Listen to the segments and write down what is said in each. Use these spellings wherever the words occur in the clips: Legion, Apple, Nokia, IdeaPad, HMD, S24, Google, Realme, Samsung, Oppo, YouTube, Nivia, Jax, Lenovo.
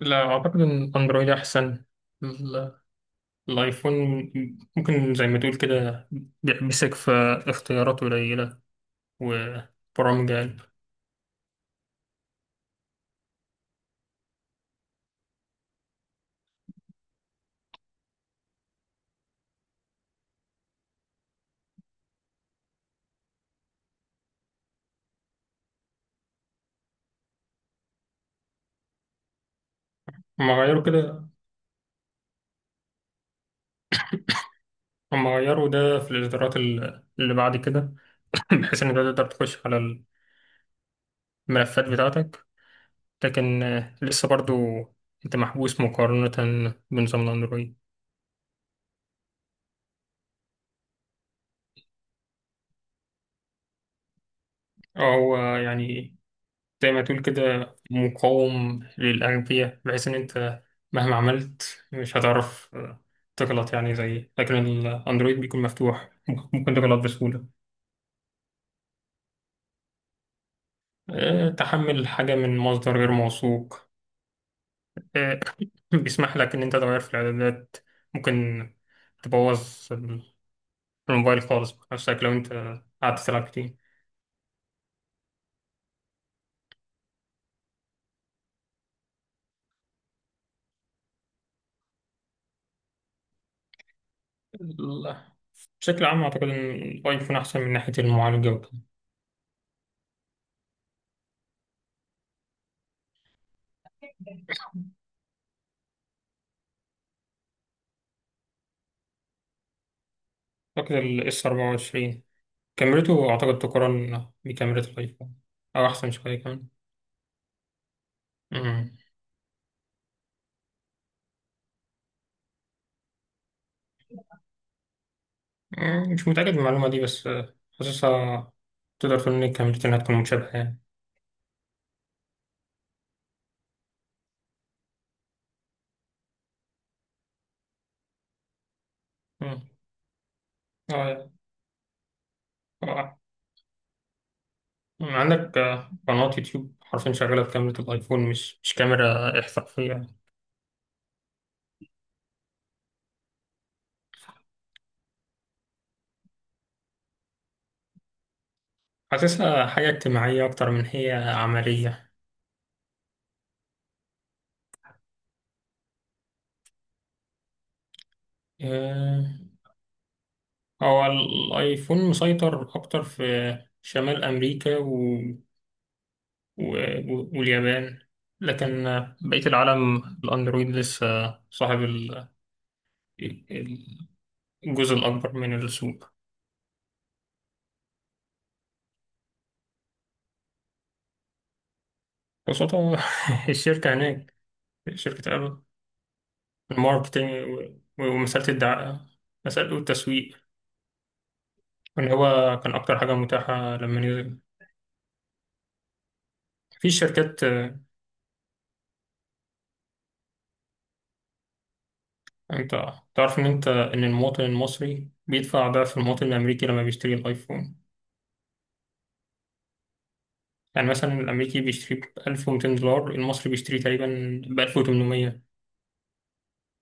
لا أعتقد إن الأندرويد أحسن. ال- الآيفون ممكن زي ما تقول كده بيحبسك في اختيارات قليلة وبرامج أقل. هما غيروا كده. هما غيروا ده في الإصدارات اللي بعد كده. بحيث إنك تقدر تخش على الملفات بتاعتك، لكن لسه برضو أنت محبوس مقارنة بنظام الأندرويد. هو يعني زي ما تقول كده مقاوم للأغبياء، بحيث إن أنت مهما عملت مش هتعرف تغلط يعني زي، لكن الأندرويد بيكون مفتوح ممكن تغلط بسهولة. تحمل حاجة من مصدر غير موثوق. آه، بيسمح لك إن أنت تغير في الإعدادات. ممكن تبوظ الموبايل خالص بنفسك لو أنت قعدت تلعب كتير. ال- بشكل عام أعتقد إن الأيفون أحسن من ناحية المعالجة وكده. أعتقد ال S24 كاميرته أعتقد تقارن بكاميرا الآيفون، أو أحسن شوية كمان. أمم. مش متأكد من المعلومة دي، بس حاسسها. تقدر تقول إن الكاميرتين هتكون متشابهة يعني. أمم. آه، آه. عندك قناة يوتيوب حرفيا شغالة بكاميرا الآيفون، مش كاميرا احترافية. حاسسها حاجة اجتماعية أكتر من هي عملية. آه، هو الآيفون مسيطر أكتر في شمال أمريكا واليابان، لكن بقية العالم الأندرويد لسه صاحب ال- الجزء الأكبر من السوق. خاصة الشركة هناك شركة أبل. الماركتينج ومسألة الدعاية، مسألة التسويق اللي هو كان أكتر حاجة متاحة لما نزل في شركات. أنت تعرف إن أنت إن المواطن المصري بيدفع ضعف المواطن الأمريكي لما بيشتري الأيفون. يعني مثلا الأمريكي بيشتري ب 1200 دولار، المصري بيشتري تقريبا ب 1800.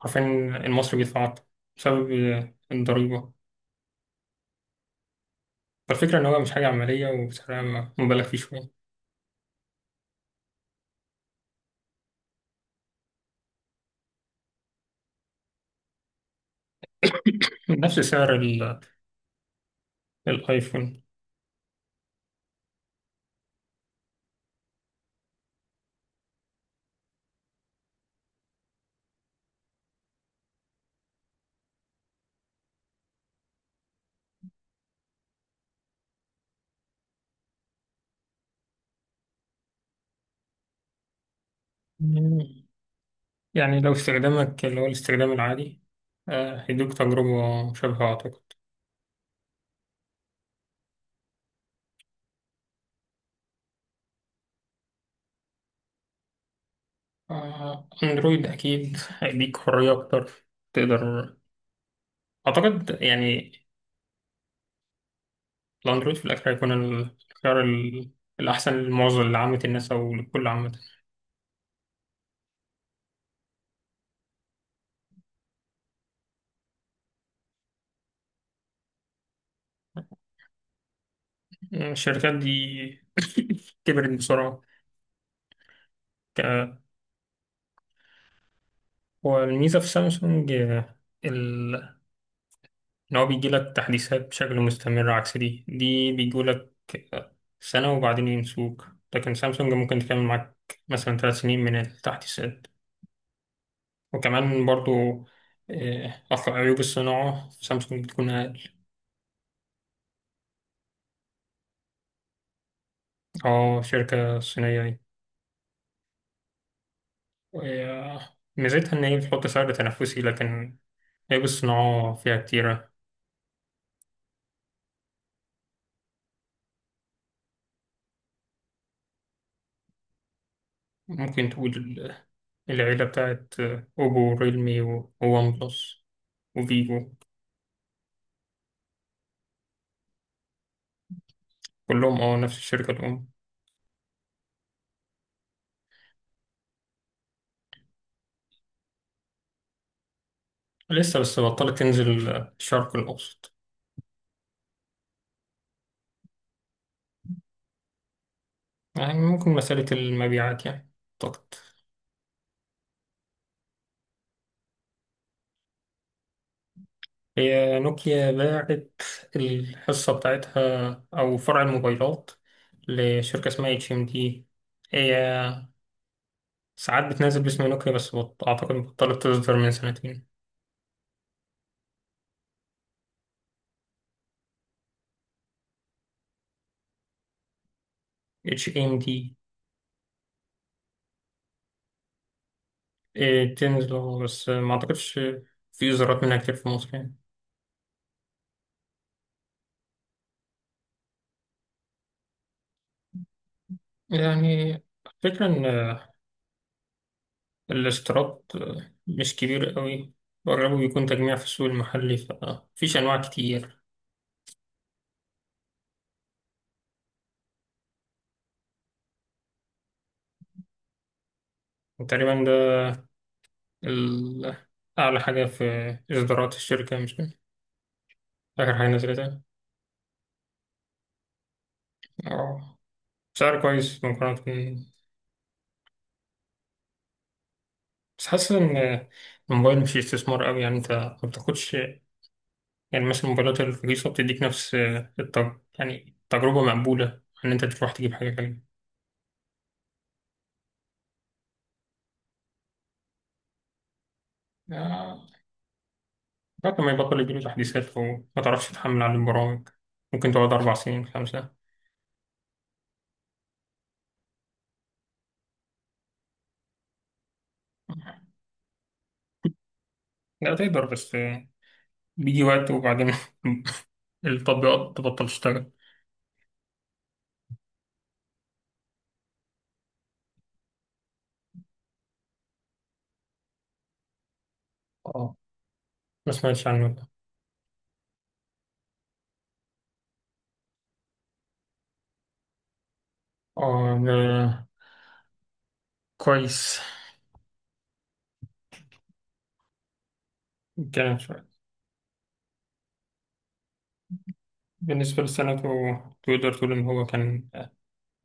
حرفيا المصري بيتعاطى بسبب الضريبة. فالفكرة إن هو مش حاجة عملية وسعرها مبالغ فيه شوية. نفس سعر الآيفون. يعني لو استخدامك اللي هو الاستخدام العادي، هيدوك تجربة مشابهة أعتقد. أندرويد أكيد هيديك حرية أكتر. تقدر، أعتقد يعني الأندرويد في الآخر هيكون الخيار الأحسن لمعظم لعامة الناس أو لكل عامة. الشركات دي كبرت بسرعة. هو الميزة في سامسونج ال... إن هو بيجيلك تحديثات بشكل مستمر عكس دي بيجولك سنة وبعدين ينسوك، لكن سامسونج ممكن تكمل معاك مثلا 3 سنين من التحديثات. وكمان برضو عيوب الصناعة في سامسونج بتكون أقل. اه شركة صينية دي. وهي- ميزتها إن هي بتحط سعر تنافسي، لكن عيوب الصناعة فيها كتيرة. ممكن تقول العيلة بتاعت أوبو، ريلمي، وون بلس، وفيجو. كلهم اه نفس الشركة الأم. لسه بس بطلت تنزل الشرق الأوسط. يعني ممكن مسألة المبيعات يعني، أعتقد. هي نوكيا باعت الحصة بتاعتها أو فرع الموبايلات لشركة اسمها اتش ام دي. هي ساعات بتنزل باسم نوكيا، بس أعتقد بطلت تصدر من سنتين. اتش ام دي تنزل أهو، بس ما أعتقدش في إصدارات منها كتير في مصر يعني. يعني الفكرة إن الاشتراك مش كبير قوي، وأغلبه بيكون تجميع في السوق المحلي فمفيش أنواع كتير. تقريبا ده ال- أعلى حاجة في إصدارات الشركة، مش كده؟ آخر حاجة نزلتها. أه، سعر كويس مقارنة. بس حاسس إن الموبايل مش استثمار قوي، يعني أنت ما بتاخدش. يعني مثلا الموبايلات الرخيصة بتديك نفس يعني تجربة مقبولة، إن أنت تروح تجيب حاجة غالية، لكن ما يبطل يجيله تحديثات وما تعرفش تتحمل على البرامج. ممكن تقعد أربع سنين، خمسة. لا تقدر، بس بيجي وقت وبعدين التطبيقات تبطل تشتغل. اه، ما سمعتش عنه ده. اه ده كويس. كان شوية. بالنسبة لسنته تقدر تقول إن هو كان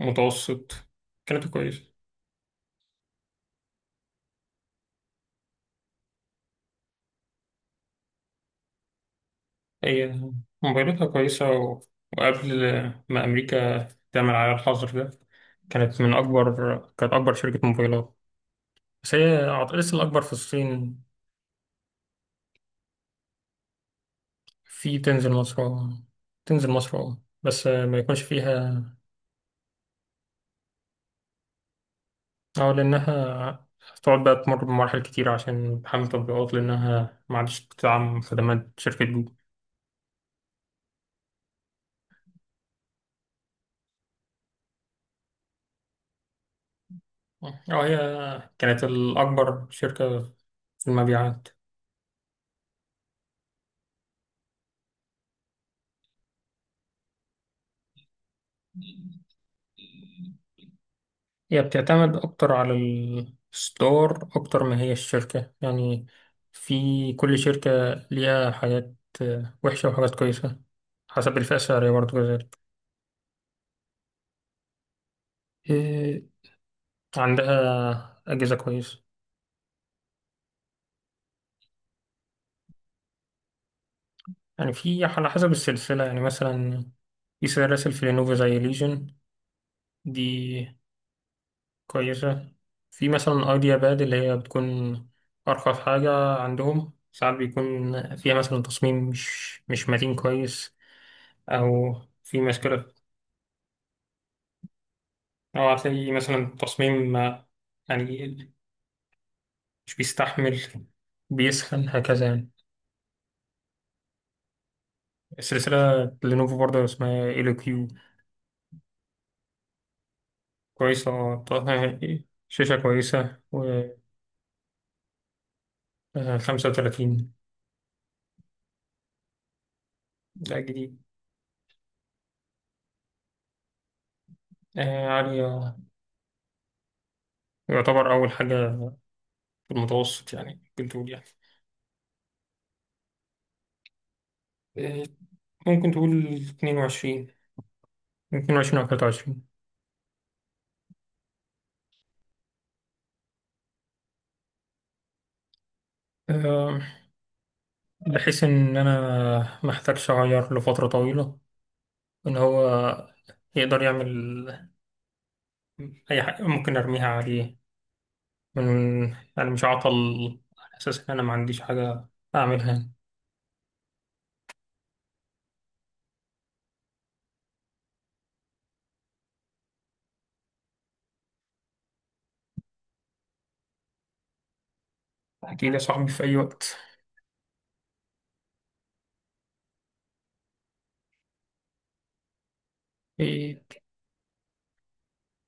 متوسط. كانت كويسة. هي موبايلاتها كويسة و... وقبل ما أمريكا تعمل على الحظر ده، كانت أكبر شركة موبايلات. بس هي لسه الأكبر في الصين. في تنزل مصر أه. تنزل مصر أه. بس ما يكونش فيها. أه لأنها تقعد بقى تمر بمراحل كتير عشان تحمل تطبيقات، لأنها ما عادش تدعم خدمات شركة جوجل. أه هي كانت الأكبر شركة في المبيعات. هي بتعتمد أكتر على الستور أكتر ما هي الشركة، يعني في كل شركة ليها حاجات وحشة وحاجات كويسة، حسب الفئة السعرية برضه كذلك. آه، عندها أجهزة كويسة. يعني في على حسب السلسلة، يعني مثلا في سلاسل في لينوفو زي ليجن، دي كويسة. في مثلا أيديا باد اللي هي بتكون أرخص حاجة عندهم، ساعات بيكون فيها مثلا تصميم مش متين كويس، أو في مشكلة. أو هتلاقي مثلا تصميم يعني مش بيستحمل، بيسخن هكذا يعني. سلسلة لينوفو برضه اسمها ال كيو. كويسة، طرحها، شاشة كويسة و 35. ده جديد. عالية. يعتبر أول حاجة في المتوسط، يعني ممكن تقول يعني آه، ممكن تقول 22، 22 أو 23. آه، بحيث إن أنا محتاجش أغير لفترة طويلة، إن هو يقدر يعمل أي حاجة ممكن أرميها عليه من، يعني مش عطل على أساس إن أنا ما عنديش حاجة أعملها. أكيد يا صاحبي في أي وقت.